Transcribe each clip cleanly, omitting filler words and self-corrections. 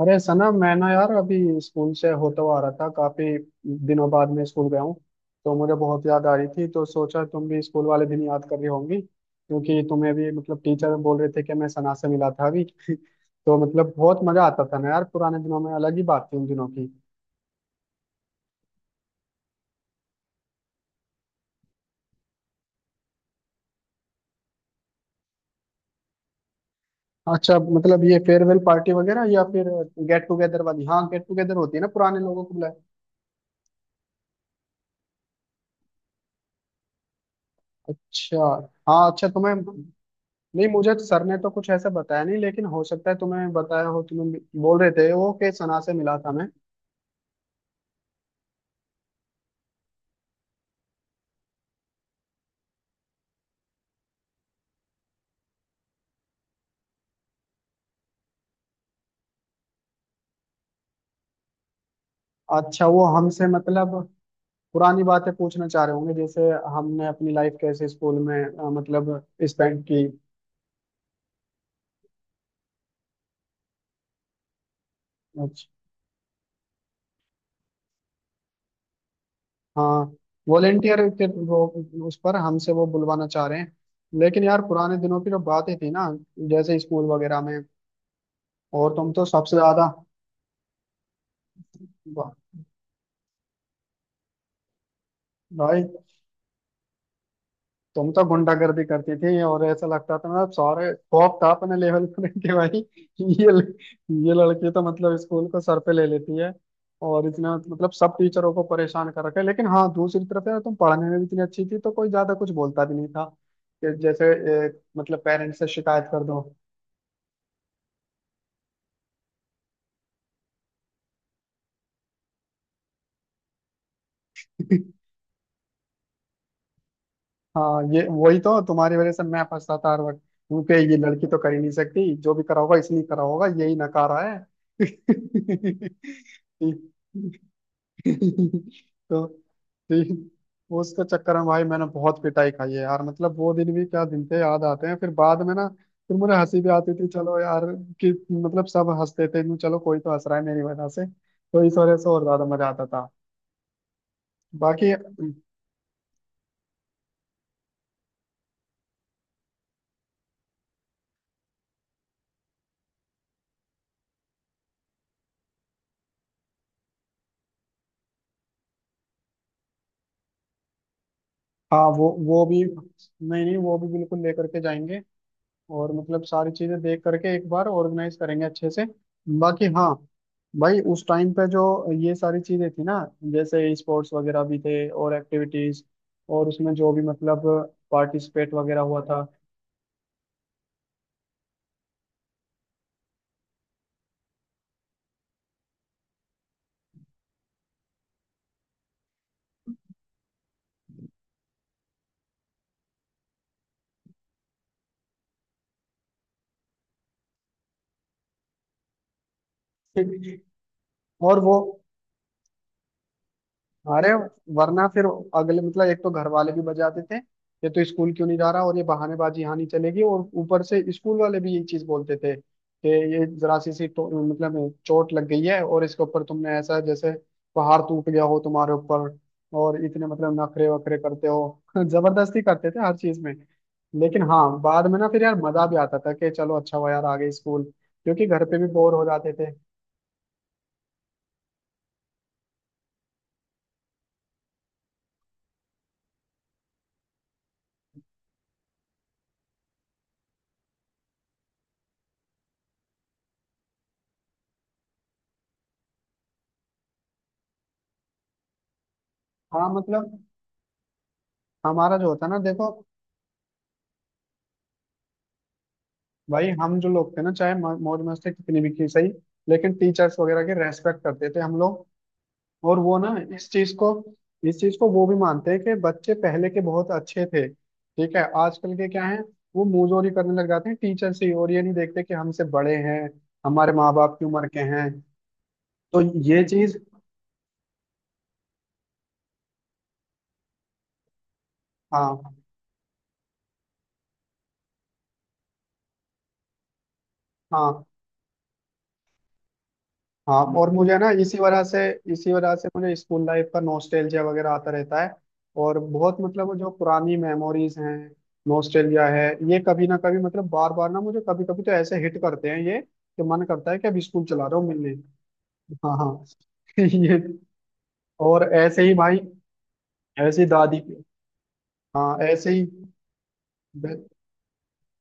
अरे सना, मैं ना यार अभी स्कूल से होता हुआ आ रहा था। काफी दिनों बाद मैं स्कूल गया हूँ तो मुझे बहुत याद आ रही थी। तो सोचा तुम भी स्कूल वाले दिन याद कर रही होंगी, क्योंकि तुम्हें भी मतलब टीचर बोल रहे थे कि मैं सना से मिला था अभी। तो मतलब बहुत मजा आता था ना यार, पुराने दिनों में अलग ही बात थी उन दिनों की। अच्छा, मतलब ये फेयरवेल पार्टी वगैरह या फिर गेट टुगेदर वाली। हाँ, गेट टुगेदर होती है ना, पुराने लोगों को बुलाए। अच्छा। हाँ अच्छा, तुम्हें। नहीं, मुझे तो सर ने तो कुछ ऐसा बताया नहीं, लेकिन हो सकता है तुम्हें बताया हो। तुम बोल रहे थे वो के सना से मिला था मैं। अच्छा, वो हमसे मतलब पुरानी बातें पूछना चाह रहे होंगे, जैसे हमने अपनी लाइफ कैसे स्कूल में मतलब स्पेंड की। अच्छा, हाँ वॉलेंटियर के वो, उस पर हमसे वो बुलवाना चाह रहे हैं। लेकिन यार पुराने दिनों की जो बातें थी ना, जैसे स्कूल वगैरह में। और तुम तो सबसे ज्यादा। वाह, भाई तुम तो गुंडागर्दी करती थी, और ऐसा लगता था मतलब सारे खौफ था अपने लेवल पर। कि भाई ये ये लड़की तो मतलब स्कूल को सर पे ले लेती है, और इसने मतलब सब टीचरों को परेशान कर रखा है। लेकिन हाँ, दूसरी तरफ यार तुम पढ़ने में भी इतनी अच्छी थी तो कोई ज्यादा कुछ बोलता भी नहीं था। कि जैसे मतलब पेरेंट्स से शिकायत कर दो। हाँ, ये वही तो, तुम्हारी वजह से मैं फंसता था हर वक्त, क्योंकि ये लड़की तो कर ही नहीं सकती, जो भी करा होगा इसलिए करा होगा, यही नकारा है। तो तीन वो उसके चक्कर में भाई मैंने बहुत पिटाई खाई है यार। मतलब वो दिन भी क्या दिन थे, याद आते हैं फिर बाद में ना। फिर मुझे हंसी भी आती थी, चलो यार, कि मतलब सब हंसते थे कि चलो कोई तो हंस रहा है मेरी वजह से। तो इस वजह से और ज्यादा मजा आता था। बाकी हाँ, वो भी, नहीं नहीं, वो भी बिल्कुल लेकर के जाएंगे। और मतलब सारी चीजें देख करके एक बार ऑर्गेनाइज करेंगे अच्छे से। बाकी हाँ, भाई उस टाइम पे जो ये सारी चीजें थी ना, जैसे स्पोर्ट्स वगैरह भी थे और एक्टिविटीज, और उसमें जो भी मतलब पार्टिसिपेट वगैरह हुआ था। और वो, अरे वरना फिर अगले मतलब एक तो घर वाले भी बजाते थे, ये तो स्कूल क्यों नहीं जा रहा, और ये बहानेबाजी यहाँ नहीं चलेगी। और ऊपर से स्कूल वाले भी ये चीज बोलते थे कि ये जरा सी सी तो, मतलब चोट लग गई है और इसके ऊपर तुमने ऐसा जैसे पहाड़ टूट गया हो तुम्हारे ऊपर, और इतने मतलब नखरे वखरे करते हो। जबरदस्ती करते थे हर चीज में। लेकिन हाँ, बाद में ना फिर यार मजा भी आता था कि चलो अच्छा हुआ यार आ गए स्कूल, क्योंकि घर पे भी बोर हो जाते थे। हाँ, मतलब हमारा जो होता ना, देखो भाई, हम जो लोग थे ना, चाहे मौज मस्ती कितनी भी की सही, लेकिन टीचर्स वगैरह के रेस्पेक्ट करते थे हम लोग। और वो ना इस चीज को वो भी मानते हैं कि बच्चे पहले के बहुत अच्छे थे। ठीक है, आजकल के क्या है, वो मुंहजोरी करने लग जाते हैं टीचर से ही, और ये नहीं देखते कि हमसे बड़े हैं, हमारे माँ बाप की उम्र के हैं। तो ये चीज। हाँ हाँ हाँ। और मुझे ना इसी वजह से मुझे स्कूल लाइफ का नॉस्टैल्जिया वगैरह आता रहता है। और बहुत मतलब वो जो पुरानी मेमोरीज हैं, नॉस्टैल्जिया है। ये कभी ना कभी मतलब बार बार ना मुझे कभी कभी तो ऐसे हिट करते हैं ये, कि मन करता है कि अब स्कूल चला रहा हूँ मिलने। हाँ हाँ। ये, और ऐसे ही भाई, ऐसी दादी। हाँ ऐसे ही,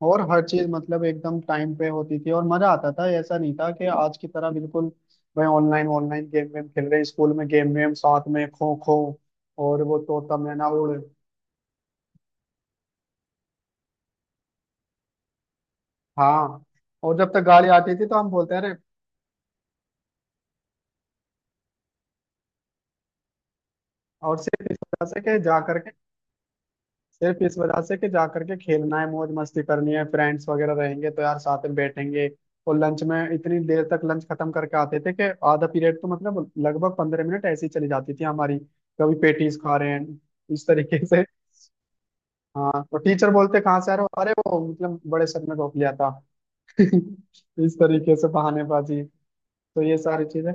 और हर चीज मतलब एकदम टाइम पे होती थी और मजा आता था। ऐसा नहीं था कि आज की तरह बिल्कुल, भाई ऑनलाइन ऑनलाइन गेम वेम खेल रहे हैं। स्कूल में गेम वेम साथ में खो खो और वो तोता मैना उड़। हाँ, और जब तक गाड़ी आती थी तो हम बोलते रहे। और सिर्फ इस वजह से कि जा करके खेलना है, मौज मस्ती करनी है, फ्रेंड्स वगैरह रहेंगे तो यार साथ में बैठेंगे। और लंच में इतनी देर तक लंच खत्म करके आते थे कि आधा पीरियड तो मतलब लगभग 15 मिनट ऐसी चली जाती थी हमारी। कभी पेटीज खा रहे हैं इस तरीके से। हाँ, और टीचर बोलते कहाँ से आ रहे हो, अरे वो मतलब बड़े सर ने रोक लिया था। इस तरीके से बहानेबाजी। तो ये सारी चीजें।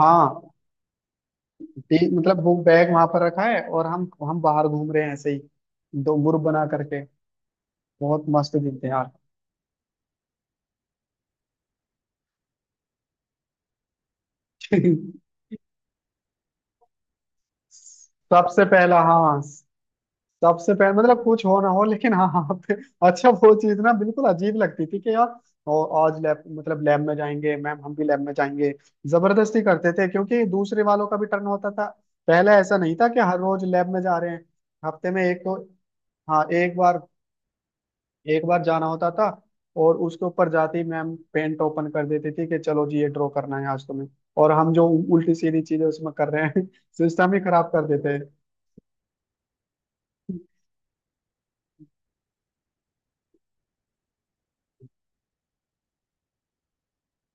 हाँ, मतलब वो बैग वहां पर रखा है और हम बाहर घूम रहे हैं ऐसे ही, दो ग्रुप बना करके। बहुत मस्त दिन थे। सबसे पहला, हाँ, सबसे पहला मतलब कुछ हो ना हो, लेकिन हाँ हाँ अच्छा वो चीज ना बिल्कुल अजीब लगती थी कि यार। और आज लैब, मतलब लैब में जाएंगे, मैम हम भी लैब में जाएंगे। जबरदस्ती करते थे, क्योंकि दूसरे वालों का भी टर्न होता था। पहले ऐसा नहीं था कि हर रोज लैब में जा रहे हैं, हफ्ते में एक तो। हाँ, एक बार जाना होता था। और उसके ऊपर जाते ही मैम पेन ओपन कर देती थी कि चलो जी ये ड्रॉ करना है आज तुम्हें। और हम जो उल्टी सीधी चीजें उसमें कर रहे हैं, सिस्टम ही खराब कर देते हैं।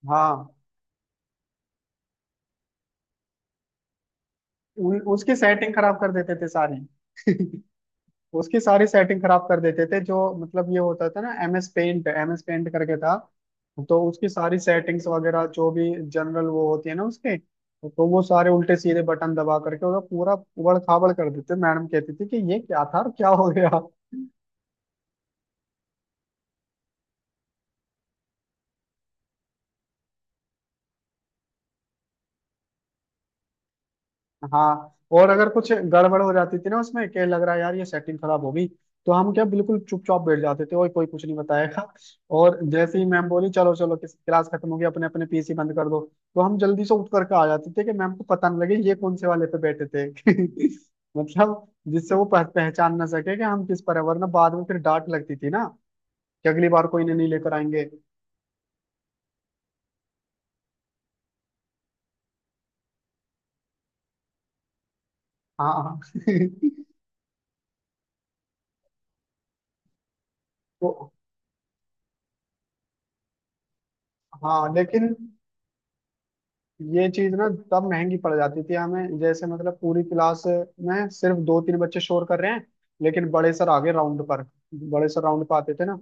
हाँ, उसकी सेटिंग खराब कर देते थे सारी। उसकी सारी सेटिंग खराब कर देते थे। जो मतलब ये होता था ना, एमएस पेंट, एमएस पेंट करके था। तो उसकी सारी सेटिंग्स वगैरह जो भी जनरल वो होती है ना उसके, तो वो सारे उल्टे सीधे बटन दबा करके उसका पूरा उबड़ खाबड़ कर देते। मैडम कहती थी कि ये क्या था और क्या हो गया। हाँ, और अगर कुछ गड़बड़ हो जाती थी ना उसमें, क्या लग रहा है यार ये सेटिंग खराब होगी, तो हम क्या बिल्कुल चुपचाप बैठ जाते थे और कोई कुछ नहीं बताएगा। और जैसे ही मैम बोली, चलो चलो किस क्लास खत्म होगी, अपने अपने पीसी बंद कर दो, तो हम जल्दी से उठ करके आ जाते थे कि मैम को पता न लगे ये कौन से वाले पे बैठे थे। मतलब जिससे वो पहचान ना सके कि हम किस पर है, वरना बाद में फिर डांट लगती थी ना कि अगली बार कोई इन्हें नहीं लेकर आएंगे। हाँ। तो हाँ, लेकिन ये चीज ना तब महंगी पड़ जाती थी हमें, जैसे मतलब पूरी क्लास में सिर्फ दो तीन बच्चे शोर कर रहे हैं, लेकिन बड़े सर आ गए राउंड पर। बड़े सर राउंड पर आते थे ना,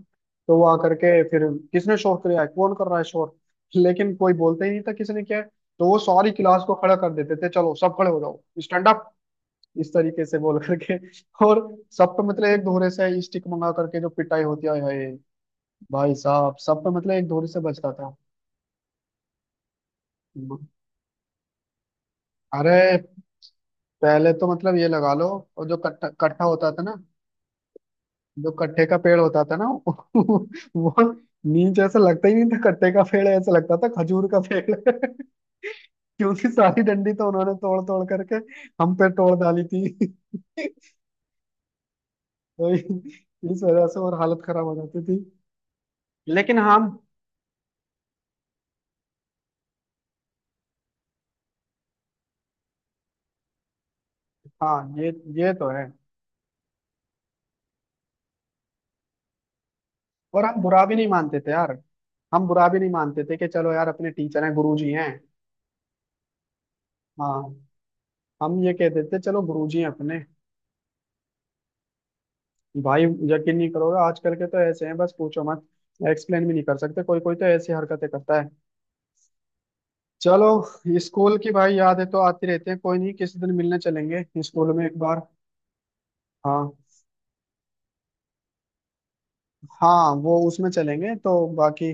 तो वो आकर के फिर, किसने शोर किया है, कौन कर रहा है शोर, लेकिन कोई बोलता ही नहीं था किसने किया है। तो वो सारी क्लास को खड़ा कर देते थे, चलो सब खड़े हो जाओ, स्टैंड अप, इस तरीके से बोल करके। और सब पे मतलब एक दोहरे से स्टिक मंगा करके जो पिटाई होती है, हाय हाय, भाई साहब सब पे मतलब एक दोहरे से बजता था। अरे पहले तो मतलब ये लगा लो, और जो कट्ठा कट्ठा होता था ना, जो कट्ठे का पेड़ होता था ना, वो नीचे ऐसा लगता ही नहीं था कट्ठे का पेड़ है, ऐसा लगता था खजूर का पेड़ है। क्योंकि सारी डंडी तो उन्होंने तोड़ तोड़ करके हम पे तोड़ डाली थी। तो इस वजह से और हालत खराब हो जाती थी। लेकिन हम, हाँ ये तो है। और हम बुरा भी नहीं मानते थे यार, हम बुरा भी नहीं मानते थे कि चलो यार अपने टीचर हैं, गुरुजी हैं। हाँ, हम ये कहते थे चलो गुरुजी हैं अपने। भाई यकीन नहीं करोगे, आजकल के तो ऐसे हैं, बस पूछो मत। एक्सप्लेन भी नहीं कर सकते, कोई कोई तो ऐसी हरकतें करता है। चलो, स्कूल की भाई यादें तो आती रहती हैं, कोई नहीं किसी दिन मिलने चलेंगे स्कूल में एक बार। हाँ हाँ, वो उसमें चलेंगे तो। बाकी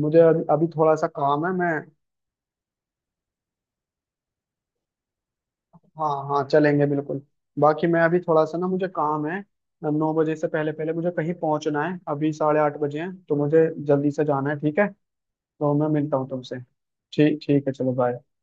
मुझे अभी अभी थोड़ा सा काम है मैं। हाँ हाँ चलेंगे बिल्कुल। बाकी मैं अभी थोड़ा सा ना मुझे काम है। 9 बजे से पहले पहले मुझे कहीं पहुंचना है, अभी 8:30 बजे हैं, तो मुझे जल्दी से जाना है ठीक है। तो मैं मिलता हूँ तुमसे। ठीक ठीक है चलो, बाय।